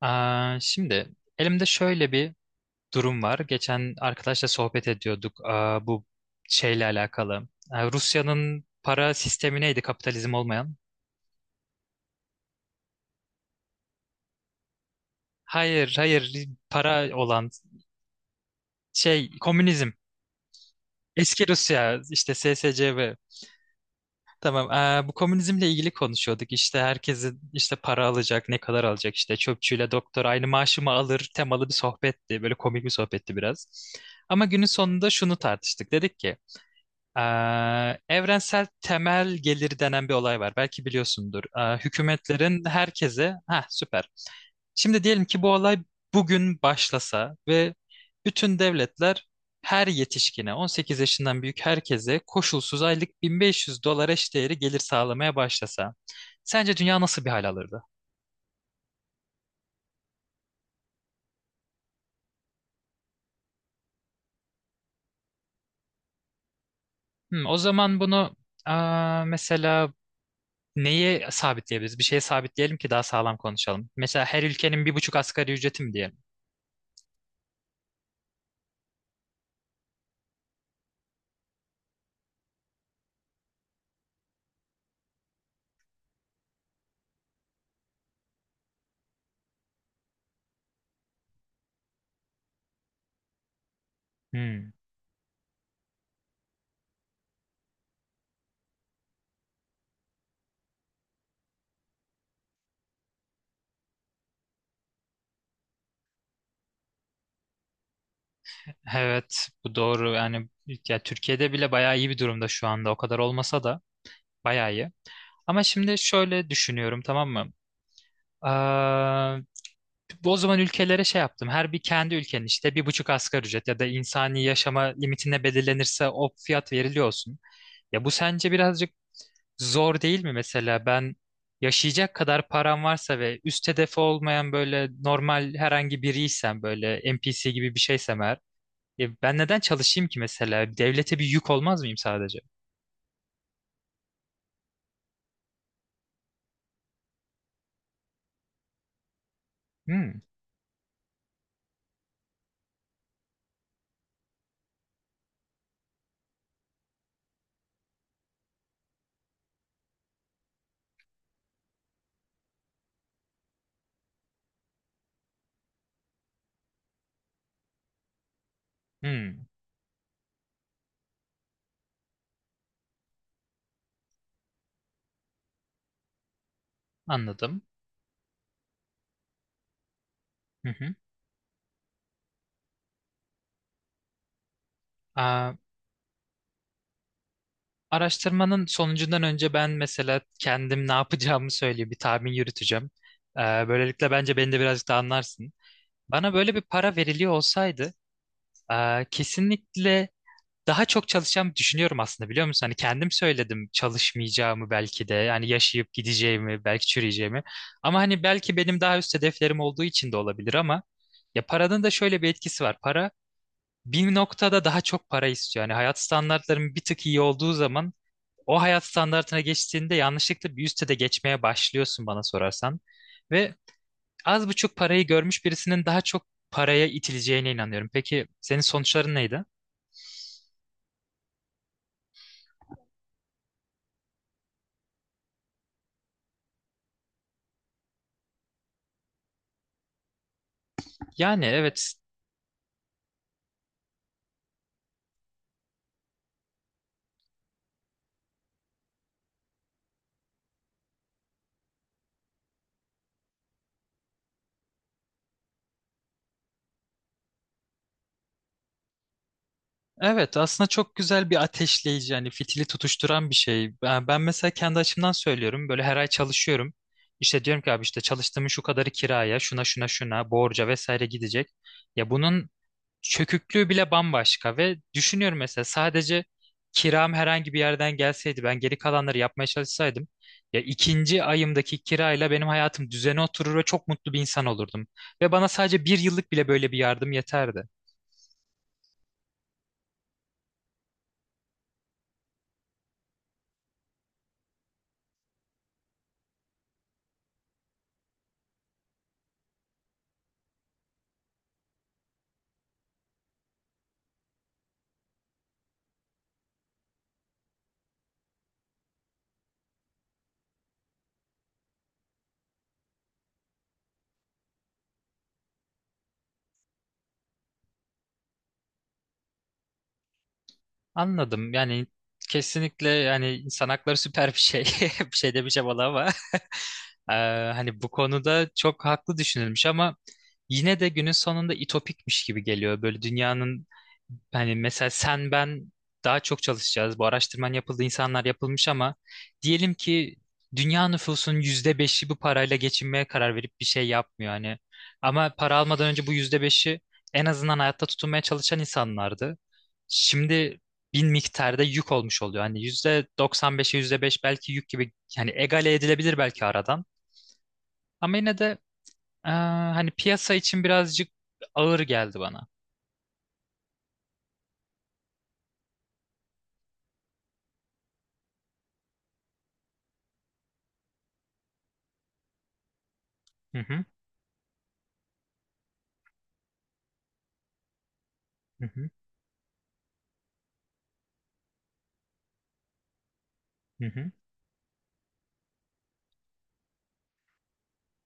Şimdi elimde şöyle bir durum var. Geçen arkadaşla sohbet ediyorduk, bu şeyle alakalı. Rusya'nın para sistemi neydi, kapitalizm olmayan? Hayır, hayır, para olan şey komünizm. Eski Rusya işte SSCB. Tamam. Bu komünizmle ilgili konuşuyorduk. İşte herkesin işte para alacak, ne kadar alacak, işte çöpçüyle doktor aynı maaşı mı alır temalı bir sohbetti. Böyle komik bir sohbetti biraz. Ama günün sonunda şunu tartıştık. Dedik ki evrensel temel gelir denen bir olay var. Belki biliyorsundur. Hükümetlerin herkese... Ha, süper. Şimdi diyelim ki bu olay bugün başlasa ve bütün devletler her yetişkine, 18 yaşından büyük herkese, koşulsuz aylık 1500 dolar eşdeğeri gelir sağlamaya başlasa. Sence dünya nasıl bir hal alırdı? O zaman bunu mesela neye sabitleyebiliriz? Bir şeye sabitleyelim ki daha sağlam konuşalım. Mesela her ülkenin bir buçuk asgari ücreti mi diyelim? Hmm. Evet, bu doğru. Yani ya, Türkiye'de bile bayağı iyi bir durumda şu anda. O kadar olmasa da bayağı iyi. Ama şimdi şöyle düşünüyorum, tamam mı? Aa, Bu o zaman ülkelere şey yaptım. Her bir kendi ülkenin işte bir buçuk asgari ücret ya da insani yaşama limitine belirlenirse o fiyat veriliyor olsun. Ya bu sence birazcık zor değil mi mesela? Ben yaşayacak kadar param varsa ve üst hedefi olmayan, böyle normal herhangi biriysem, böyle NPC gibi bir şeysem eğer, ya ben neden çalışayım ki mesela? Devlete bir yük olmaz mıyım sadece? Hmm, hmm, anladım. Hı hı. Aa, Araştırmanın sonucundan önce ben mesela kendim ne yapacağımı söyleyeyim, bir tahmin yürüteceğim. Ee, Böylelikle bence beni de birazcık da anlarsın. Bana böyle bir para veriliyor olsaydı, kesinlikle daha çok çalışacağımı düşünüyorum aslında, biliyor musun? Hani kendim söyledim çalışmayacağımı, belki de yani yaşayıp gideceğimi, belki çürüyeceğimi, ama hani belki benim daha üst hedeflerim olduğu için de olabilir. Ama ya paranın da şöyle bir etkisi var. Para bir noktada daha çok para istiyor. Yani hayat standartların bir tık iyi olduğu zaman, o hayat standartına geçtiğinde yanlışlıkla bir üste de geçmeye başlıyorsun bana sorarsan. Ve az buçuk parayı görmüş birisinin daha çok paraya itileceğine inanıyorum. Peki senin sonuçların neydi? Yani, evet. Evet, aslında çok güzel bir ateşleyici, yani fitili tutuşturan bir şey. Ben mesela kendi açımdan söylüyorum, böyle her ay çalışıyorum. İşte diyorum ki, abi işte çalıştığımın şu kadarı kiraya, şuna, şuna, şuna, borca vesaire gidecek. Ya bunun çöküklüğü bile bambaşka. Ve düşünüyorum, mesela sadece kiram herhangi bir yerden gelseydi, ben geri kalanları yapmaya çalışsaydım, ya ikinci ayımdaki kirayla benim hayatım düzene oturur ve çok mutlu bir insan olurdum. Ve bana sadece bir yıllık bile böyle bir yardım yeterdi. Anladım. Yani kesinlikle, yani insan hakları süper bir şey, bir şey demeyeceğim ona, ama Ee, hani bu konuda çok haklı düşünülmüş, ama yine de günün sonunda itopikmiş gibi geliyor. Böyle dünyanın, hani mesela sen ben daha çok çalışacağız. Bu araştırman yapıldı, insanlar yapılmış, ama diyelim ki dünya nüfusunun %5'i bu parayla geçinmeye karar verip bir şey yapmıyor hani. Ama para almadan önce bu %5'i en azından hayatta tutunmaya çalışan insanlardı. Şimdi bin miktarda yük olmuş oluyor. Hani yüzde 95'e yüzde beş belki yük gibi, yani egale edilebilir belki aradan. Ama yine de eee, hani piyasa için birazcık ağır geldi bana. Hı hı, hı hı, hı hı.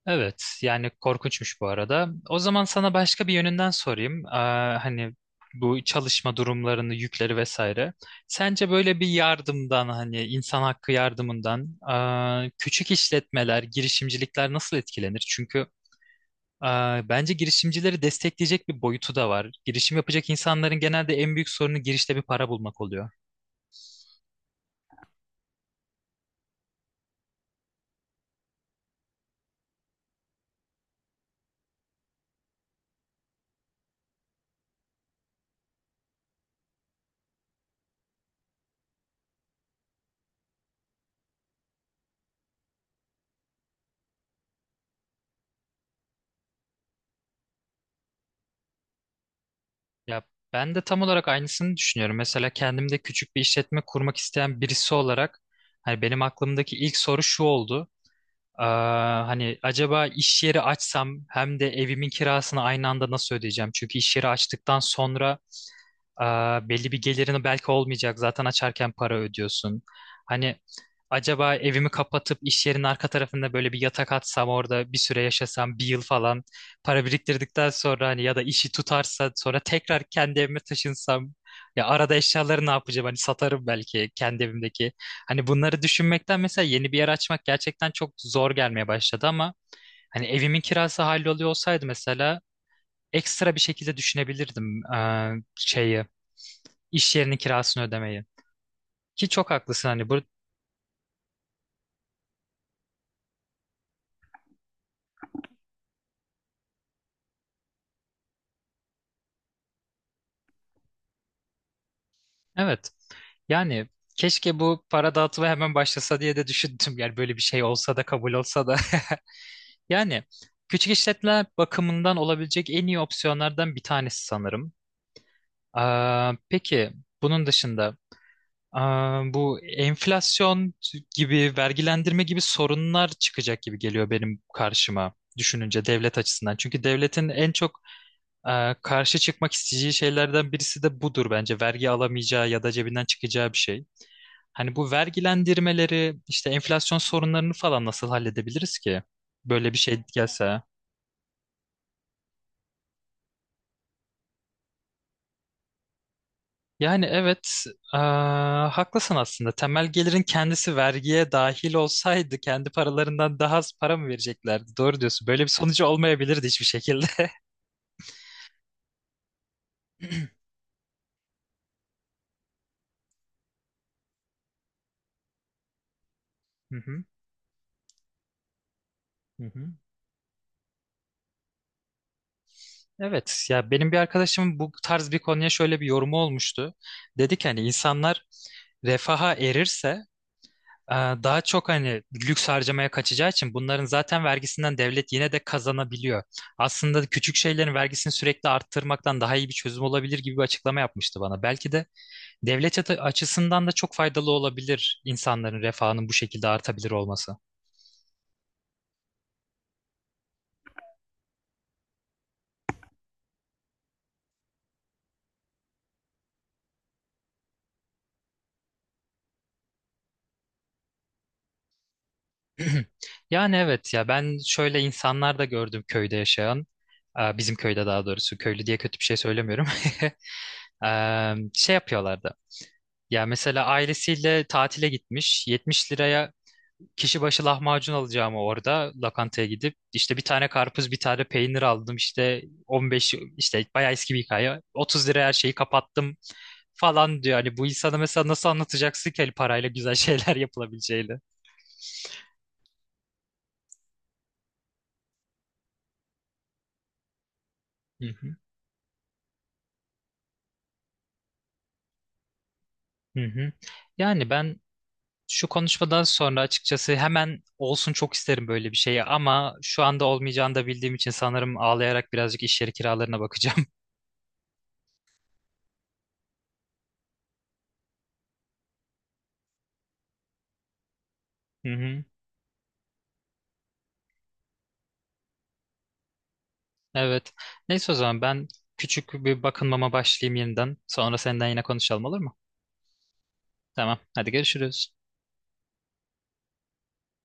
Evet, yani korkunçmuş bu arada. O zaman sana başka bir yönünden sorayım. Hani bu çalışma durumlarını, yükleri vesaire. Sence böyle bir yardımdan, hani insan hakkı yardımından, küçük işletmeler, girişimcilikler nasıl etkilenir? Çünkü bence girişimcileri destekleyecek bir boyutu da var. Girişim yapacak insanların genelde en büyük sorunu girişte bir para bulmak oluyor. Ya ben de tam olarak aynısını düşünüyorum. Mesela kendimde küçük bir işletme kurmak isteyen birisi olarak, hani benim aklımdaki ilk soru şu oldu. Hani acaba iş yeri açsam hem de evimin kirasını aynı anda nasıl ödeyeceğim? Çünkü iş yeri açtıktan sonra belli bir gelirini belki olmayacak. Zaten açarken para ödüyorsun. Hani acaba evimi kapatıp iş yerinin arka tarafında böyle bir yatak atsam, orada bir süre yaşasam, bir yıl falan para biriktirdikten sonra, hani ya da işi tutarsa sonra tekrar kendi evime taşınsam, ya arada eşyaları ne yapacağım, hani satarım belki kendi evimdeki. Hani bunları düşünmekten mesela yeni bir yer açmak gerçekten çok zor gelmeye başladı. Ama hani evimin kirası halloluyor olsaydı, mesela ekstra bir şekilde düşünebilirdim şeyi, iş yerinin kirasını ödemeyi. Ki çok haklısın hani bu. Evet. Yani keşke bu para dağıtımı hemen başlasa diye de düşündüm. Yani böyle bir şey olsa da, kabul olsa da. Yani küçük işletmeler bakımından olabilecek en iyi opsiyonlardan bir tanesi sanırım. Peki bunun dışında bu enflasyon gibi, vergilendirme gibi sorunlar çıkacak gibi geliyor benim karşıma düşününce, devlet açısından. Çünkü devletin en çok karşı çıkmak isteyeceği şeylerden birisi de budur bence. Vergi alamayacağı ya da cebinden çıkacağı bir şey. Hani bu vergilendirmeleri, işte enflasyon sorunlarını falan nasıl halledebiliriz ki? Böyle bir şey gelse. Yani evet, ee, haklısın aslında. Temel gelirin kendisi vergiye dahil olsaydı kendi paralarından daha az para mı vereceklerdi? Doğru diyorsun. Böyle bir sonucu olmayabilirdi hiçbir şekilde. Hı hı, hı hı. Evet, ya benim bir arkadaşımın bu tarz bir konuya şöyle bir yorumu olmuştu. Dedi ki hani, insanlar refaha erirse, daha çok hani lüks harcamaya kaçacağı için bunların zaten vergisinden devlet yine de kazanabiliyor. Aslında küçük şeylerin vergisini sürekli arttırmaktan daha iyi bir çözüm olabilir gibi bir açıklama yapmıştı bana. Belki de devlet açısından da çok faydalı olabilir insanların refahının bu şekilde artabilir olması. Yani evet, ya ben şöyle insanlar da gördüm köyde yaşayan. Bizim köyde, daha doğrusu, köylü diye kötü bir şey söylemiyorum. E, Şey yapıyorlardı. Ya mesela ailesiyle tatile gitmiş. 70 liraya kişi başı lahmacun alacağımı orada lokantaya gidip işte bir tane karpuz, bir tane peynir aldım, işte 15, işte bayağı eski bir hikaye. 30 liraya her şeyi kapattım falan diyor. Hani bu insana mesela nasıl anlatacaksın ki hani parayla güzel şeyler yapılabileceğini? Hı hı, hı hı. Yani ben şu konuşmadan sonra açıkçası hemen olsun çok isterim böyle bir şey, ama şu anda olmayacağını da bildiğim için sanırım ağlayarak birazcık iş yeri kiralarına bakacağım. Evet. Neyse, o zaman ben küçük bir bakınmama başlayayım yeniden. Sonra senden yine konuşalım, olur mu? Tamam. Hadi görüşürüz.